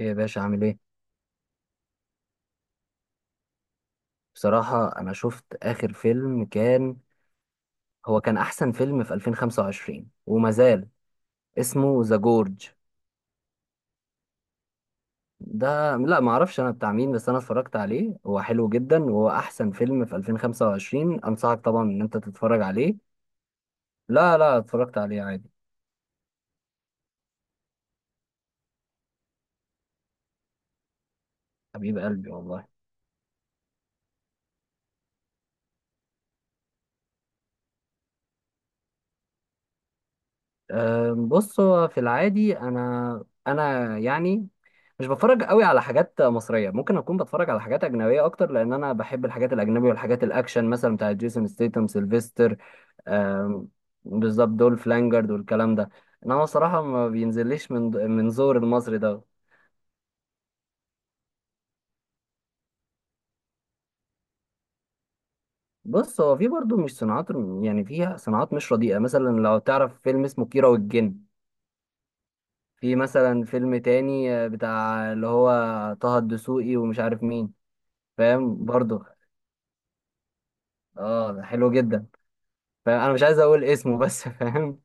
ايه يا باشا عامل ايه؟ بصراحة انا شفت اخر فيلم كان احسن فيلم في 2025 وما زال. اسمه ذا جورج. ده لا، ما اعرفش انا بتاع مين، بس انا اتفرجت عليه، هو حلو جدا، وهو احسن فيلم في 2025. انصحك طبعا ان انت تتفرج عليه. لا لا، اتفرجت عليه عادي. حبيب قلبي والله. بص هو في العادي انا يعني مش بتفرج قوي على حاجات مصريه، ممكن اكون بتفرج على حاجات اجنبيه اكتر، لان انا بحب الحاجات الاجنبيه والحاجات الاكشن، مثلا بتاعت جيسون ستيتم، سيلفستر. أم، بالظبط، دول فلانجرد والكلام ده. انما الصراحه ما بينزليش من زور المصري ده. بص هو في برضه مش صناعات، يعني فيها صناعات مش رديئه، مثلا لو تعرف فيلم اسمه كيرة والجن. في مثلا فيلم تاني بتاع اللي هو طه الدسوقي ومش عارف مين. فاهم برضه. اه ده حلو جدا. فاهم، انا مش عايز اقول اسمه بس فاهم.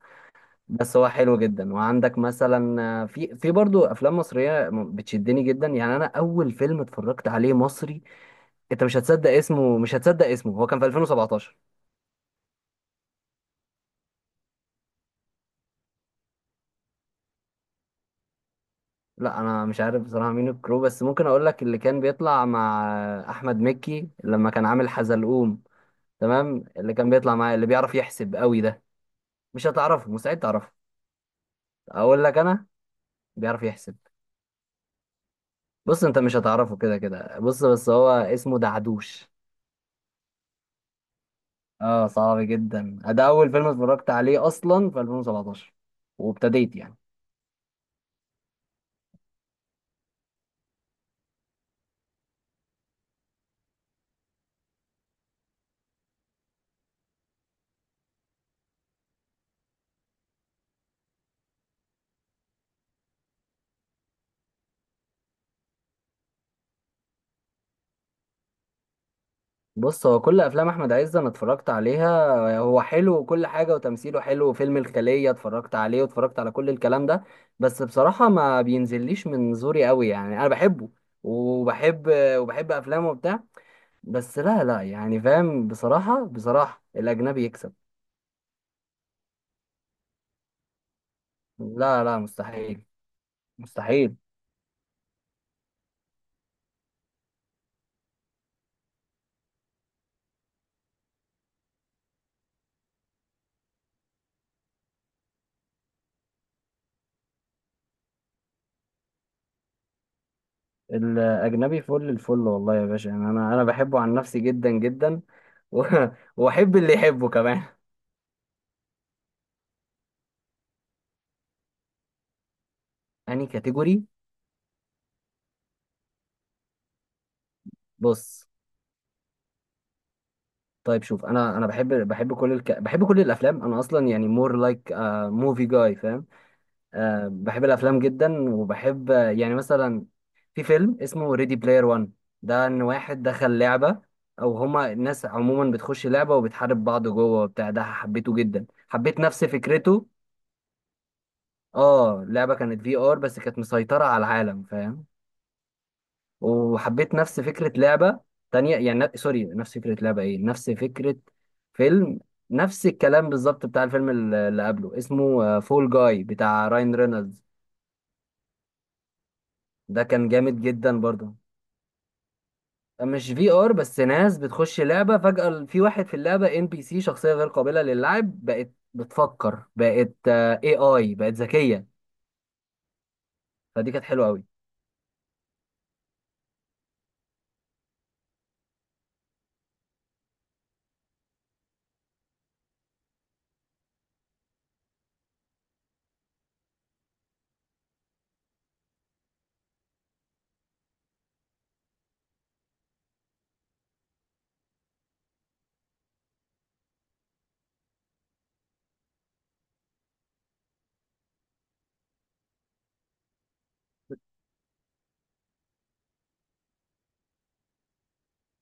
بس هو حلو جدا، وعندك مثلا في برضه افلام مصريه بتشدني جدا، يعني انا اول فيلم اتفرجت عليه مصري. انت مش هتصدق اسمه، مش هتصدق اسمه، هو كان في 2017. لا، انا مش عارف بصراحه مين الكرو، بس ممكن اقول لك اللي كان بيطلع مع احمد مكي لما كان عامل حزلقوم، تمام؟ اللي كان بيطلع معاه، اللي بيعرف يحسب قوي ده. مش هتعرفه، مستحيل تعرفه. اقول لك انا، بيعرف يحسب. بص، انت مش هتعرفه كده كده، بص بس هو اسمه دعدوش. اه، صعب جدا. ده اول فيلم اتفرجت عليه اصلا في 2017، وابتديت يعني. بص، هو كل افلام احمد عز انا اتفرجت عليها، هو حلو وكل حاجه، وتمثيله حلو، وفيلم الخليه اتفرجت عليه، واتفرجت على كل الكلام ده. بس بصراحه ما بينزليش من زوري قوي، يعني انا بحبه، وبحب وبحب افلامه وبتاع. بس لا لا يعني فاهم، بصراحه بصراحه الاجنبي يكسب. لا لا، مستحيل، مستحيل. الأجنبي فل الفل والله يا باشا، يعني أنا بحبه عن نفسي جدا جدا. و- وأحب اللي يحبه كمان. أنهي كاتيجوري؟ بص طيب شوف، أنا بحب كل الأفلام، أنا أصلا يعني more like a movie guy، فاهم. أه، بحب الأفلام جدا، وبحب يعني مثلا في فيلم اسمه Ready Player One. ده إن واحد دخل لعبة، أو هما الناس عموما بتخش لعبة وبتحارب بعض جوه وبتاع. ده حبيته جدا، حبيت نفس فكرته. اه، اللعبة كانت في ار، بس كانت مسيطرة على العالم، فاهم. وحبيت نفس فكرة لعبة تانية، يعني سوري، نفس فكرة لعبة، ايه، نفس فكرة فيلم. نفس الكلام بالظبط بتاع الفيلم اللي قبله، اسمه فول جاي بتاع راين رينولدز. ده كان جامد جدا برضه. مش في ار، بس ناس بتخش لعبة فجأة في واحد في اللعبة، ان بي سي، شخصية غير قابلة للعب، بقت بتفكر، بقت اي، بقت ذكية. فدي كانت حلوة قوي.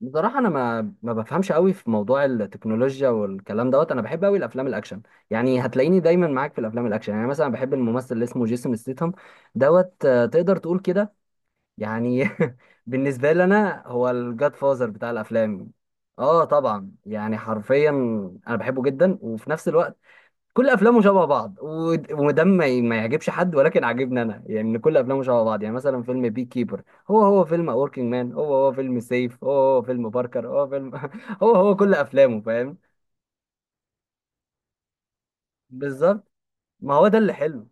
بصراحة، أنا ما بفهمش قوي في موضوع التكنولوجيا والكلام دوت. أنا بحب قوي الأفلام الأكشن، يعني هتلاقيني دايما معاك في الأفلام الأكشن، يعني مثلا بحب الممثل اللي اسمه جيسون ستيتهم دوت. تقدر تقول كده، يعني بالنسبة لي أنا هو الجاد فازر بتاع الأفلام. أه طبعا، يعني حرفيا أنا بحبه جدا، وفي نفس الوقت كل افلامه شبه بعض، وده ما يعجبش حد، ولكن عاجبني انا، يعني ان كل افلامه شبه بعض. يعني مثلا فيلم بي كيبر هو هو فيلم وركينج مان، هو هو فيلم سيف، هو هو فيلم باركر، هو فيلم هو هو كل افلامه، فاهم. بالظبط، ما هو ده اللي حلو.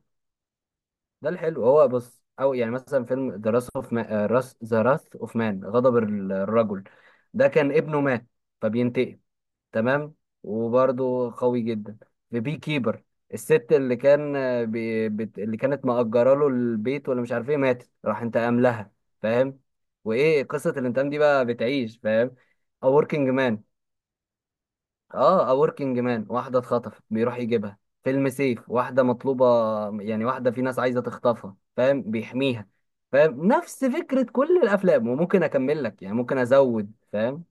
ده اللي حلو. هو بص، او يعني مثلا فيلم ذا راث اوف مان، ذا راث اوف مان، غضب الرجل. ده كان ابنه مات فبينتقم، تمام. وبرده قوي جدا. في بي كيبر، الست اللي كان بي بت اللي كانت مأجرة له البيت ولا مش عارف ايه، ماتت، راح انتقم لها، فاهم. وايه قصة الانتقام دي بقى بتعيش، فاهم. A Working Man. اه، A Working Man، واحدة اتخطفت، بيروح يجيبها. فيلم سيف، واحدة مطلوبة، يعني واحدة في ناس عايزة تخطفها، فاهم، بيحميها، فاهم. نفس فكرة كل الأفلام، وممكن أكمل لك، يعني ممكن أزود، فاهم.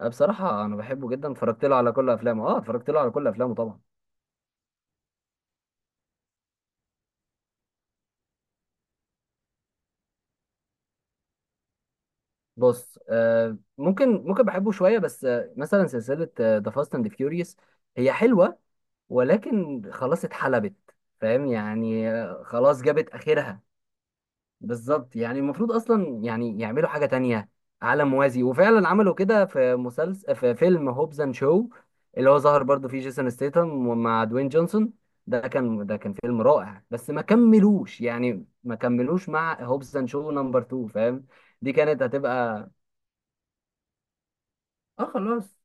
أه بصراحة، أنا بحبه جدا، اتفرجت له على كل أفلامه، أه اتفرجت له على كل أفلامه طبعا. بص أه، ممكن بحبه شوية، بس أه مثلا سلسلة ذا فاست أند فيوريوس هي حلوة، ولكن خلاص اتحلبت، فاهم، يعني خلاص جابت آخرها. بالظبط، يعني المفروض اصلا يعني يعملوا حاجه تانية، عالم موازي، وفعلا عملوا كده في مسلسل، في فيلم هوبز اند شو، اللي هو ظهر برضو فيه جيسون ستيتم، ومع دوين جونسون. ده كان فيلم رائع، بس ما كملوش، يعني ما كملوش مع هوبز اند شو نمبر 2، فاهم. دي كانت هتبقى، اه خلاص.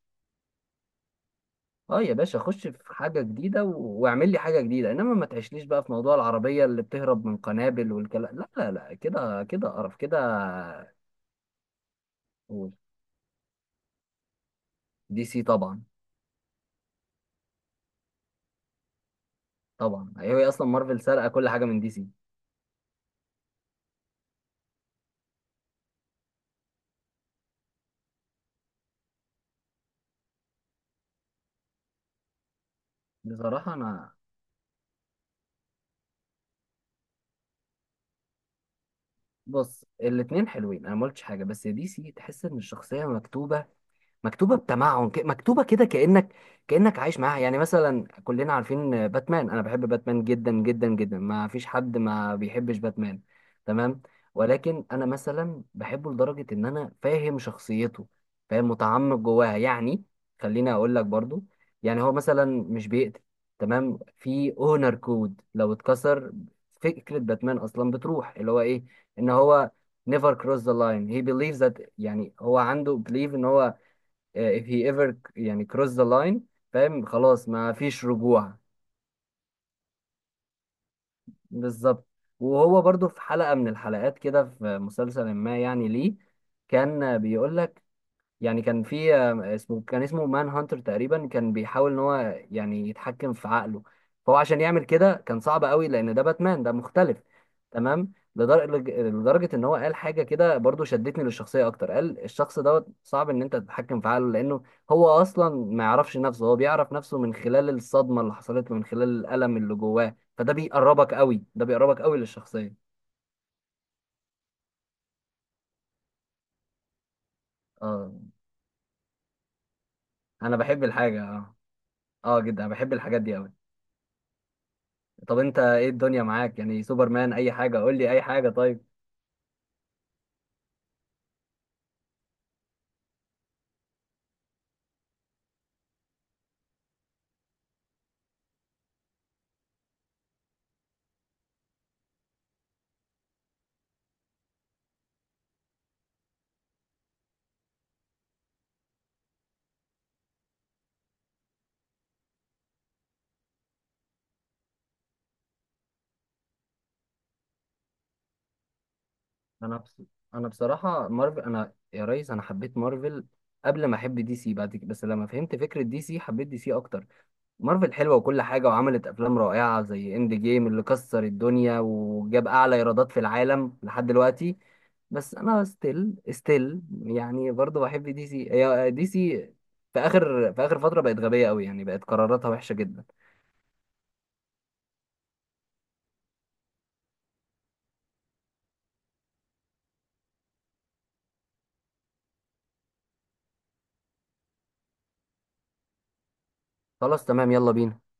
اه يا باشا، خش في حاجه جديده، واعمل لي حاجه جديده، انما ما تعيشليش بقى في موضوع العربيه اللي بتهرب من قنابل والكلام. لا لا لا، كده كده قرف كده. دي سي طبعا. طبعا، هي اصلا مارفل سرقه كل حاجه من دي سي. بصراحه انا، بص الاتنين حلوين، انا ما قلتش حاجه، بس دي سي تحس ان الشخصيه مكتوبه، مكتوبه بتمعن، مكتوبه كده، كانك كانك عايش معاها. يعني مثلا كلنا عارفين باتمان، انا بحب باتمان جدا جدا جدا، ما فيش حد ما بيحبش باتمان، تمام. ولكن انا مثلا بحبه لدرجه ان انا فاهم شخصيته، فاهم متعمق جواها يعني. خليني اقول لك برضو، يعني هو مثلا مش بيقتل، تمام، في اونر كود لو اتكسر. فكره باتمان اصلا بتروح اللي هو ايه، ان هو never cross the line, he believes that. يعني هو عنده belief ان هو if he ever يعني cross the line، فاهم، خلاص ما فيش رجوع. بالظبط. وهو برضو في حلقة من الحلقات كده، في مسلسل ما، يعني ليه كان بيقول لك، يعني كان في اسمه مان هانتر تقريبا، كان بيحاول ان هو يعني يتحكم في عقله. فهو عشان يعمل كده كان صعب قوي، لان ده باتمان ده مختلف، تمام. لدرجة ان هو قال حاجة كده برضو شدتني للشخصية اكتر. قال الشخص دوت، صعب ان انت تتحكم في عقله، لانه هو اصلا ما يعرفش نفسه، هو بيعرف نفسه من خلال الصدمة اللي حصلت له، من خلال الألم اللي جواه. فده بيقربك قوي، ده بيقربك قوي للشخصية. اه، انا بحب الحاجة اه، اه جدا، أنا بحب الحاجات دي قوي. طب انت ايه الدنيا معاك يعني؟ سوبرمان، اي حاجه، قول لي اي حاجه طيب. انا بص... انا بصراحه، مارفل، انا يا ريس انا حبيت مارفل قبل ما احب دي سي، بعد كده بس لما فهمت فكره دي سي، حبيت دي سي اكتر. مارفل حلوه وكل حاجه، وعملت افلام رائعه زي اند جيم، اللي كسر الدنيا وجاب اعلى ايرادات في العالم لحد دلوقتي. بس انا ستيل يعني برضه بحب دي سي، هي دي سي. في اخر فتره بقت غبيه قوي، يعني بقت قراراتها وحشه جدا. خلاص، تمام، يلا بينا.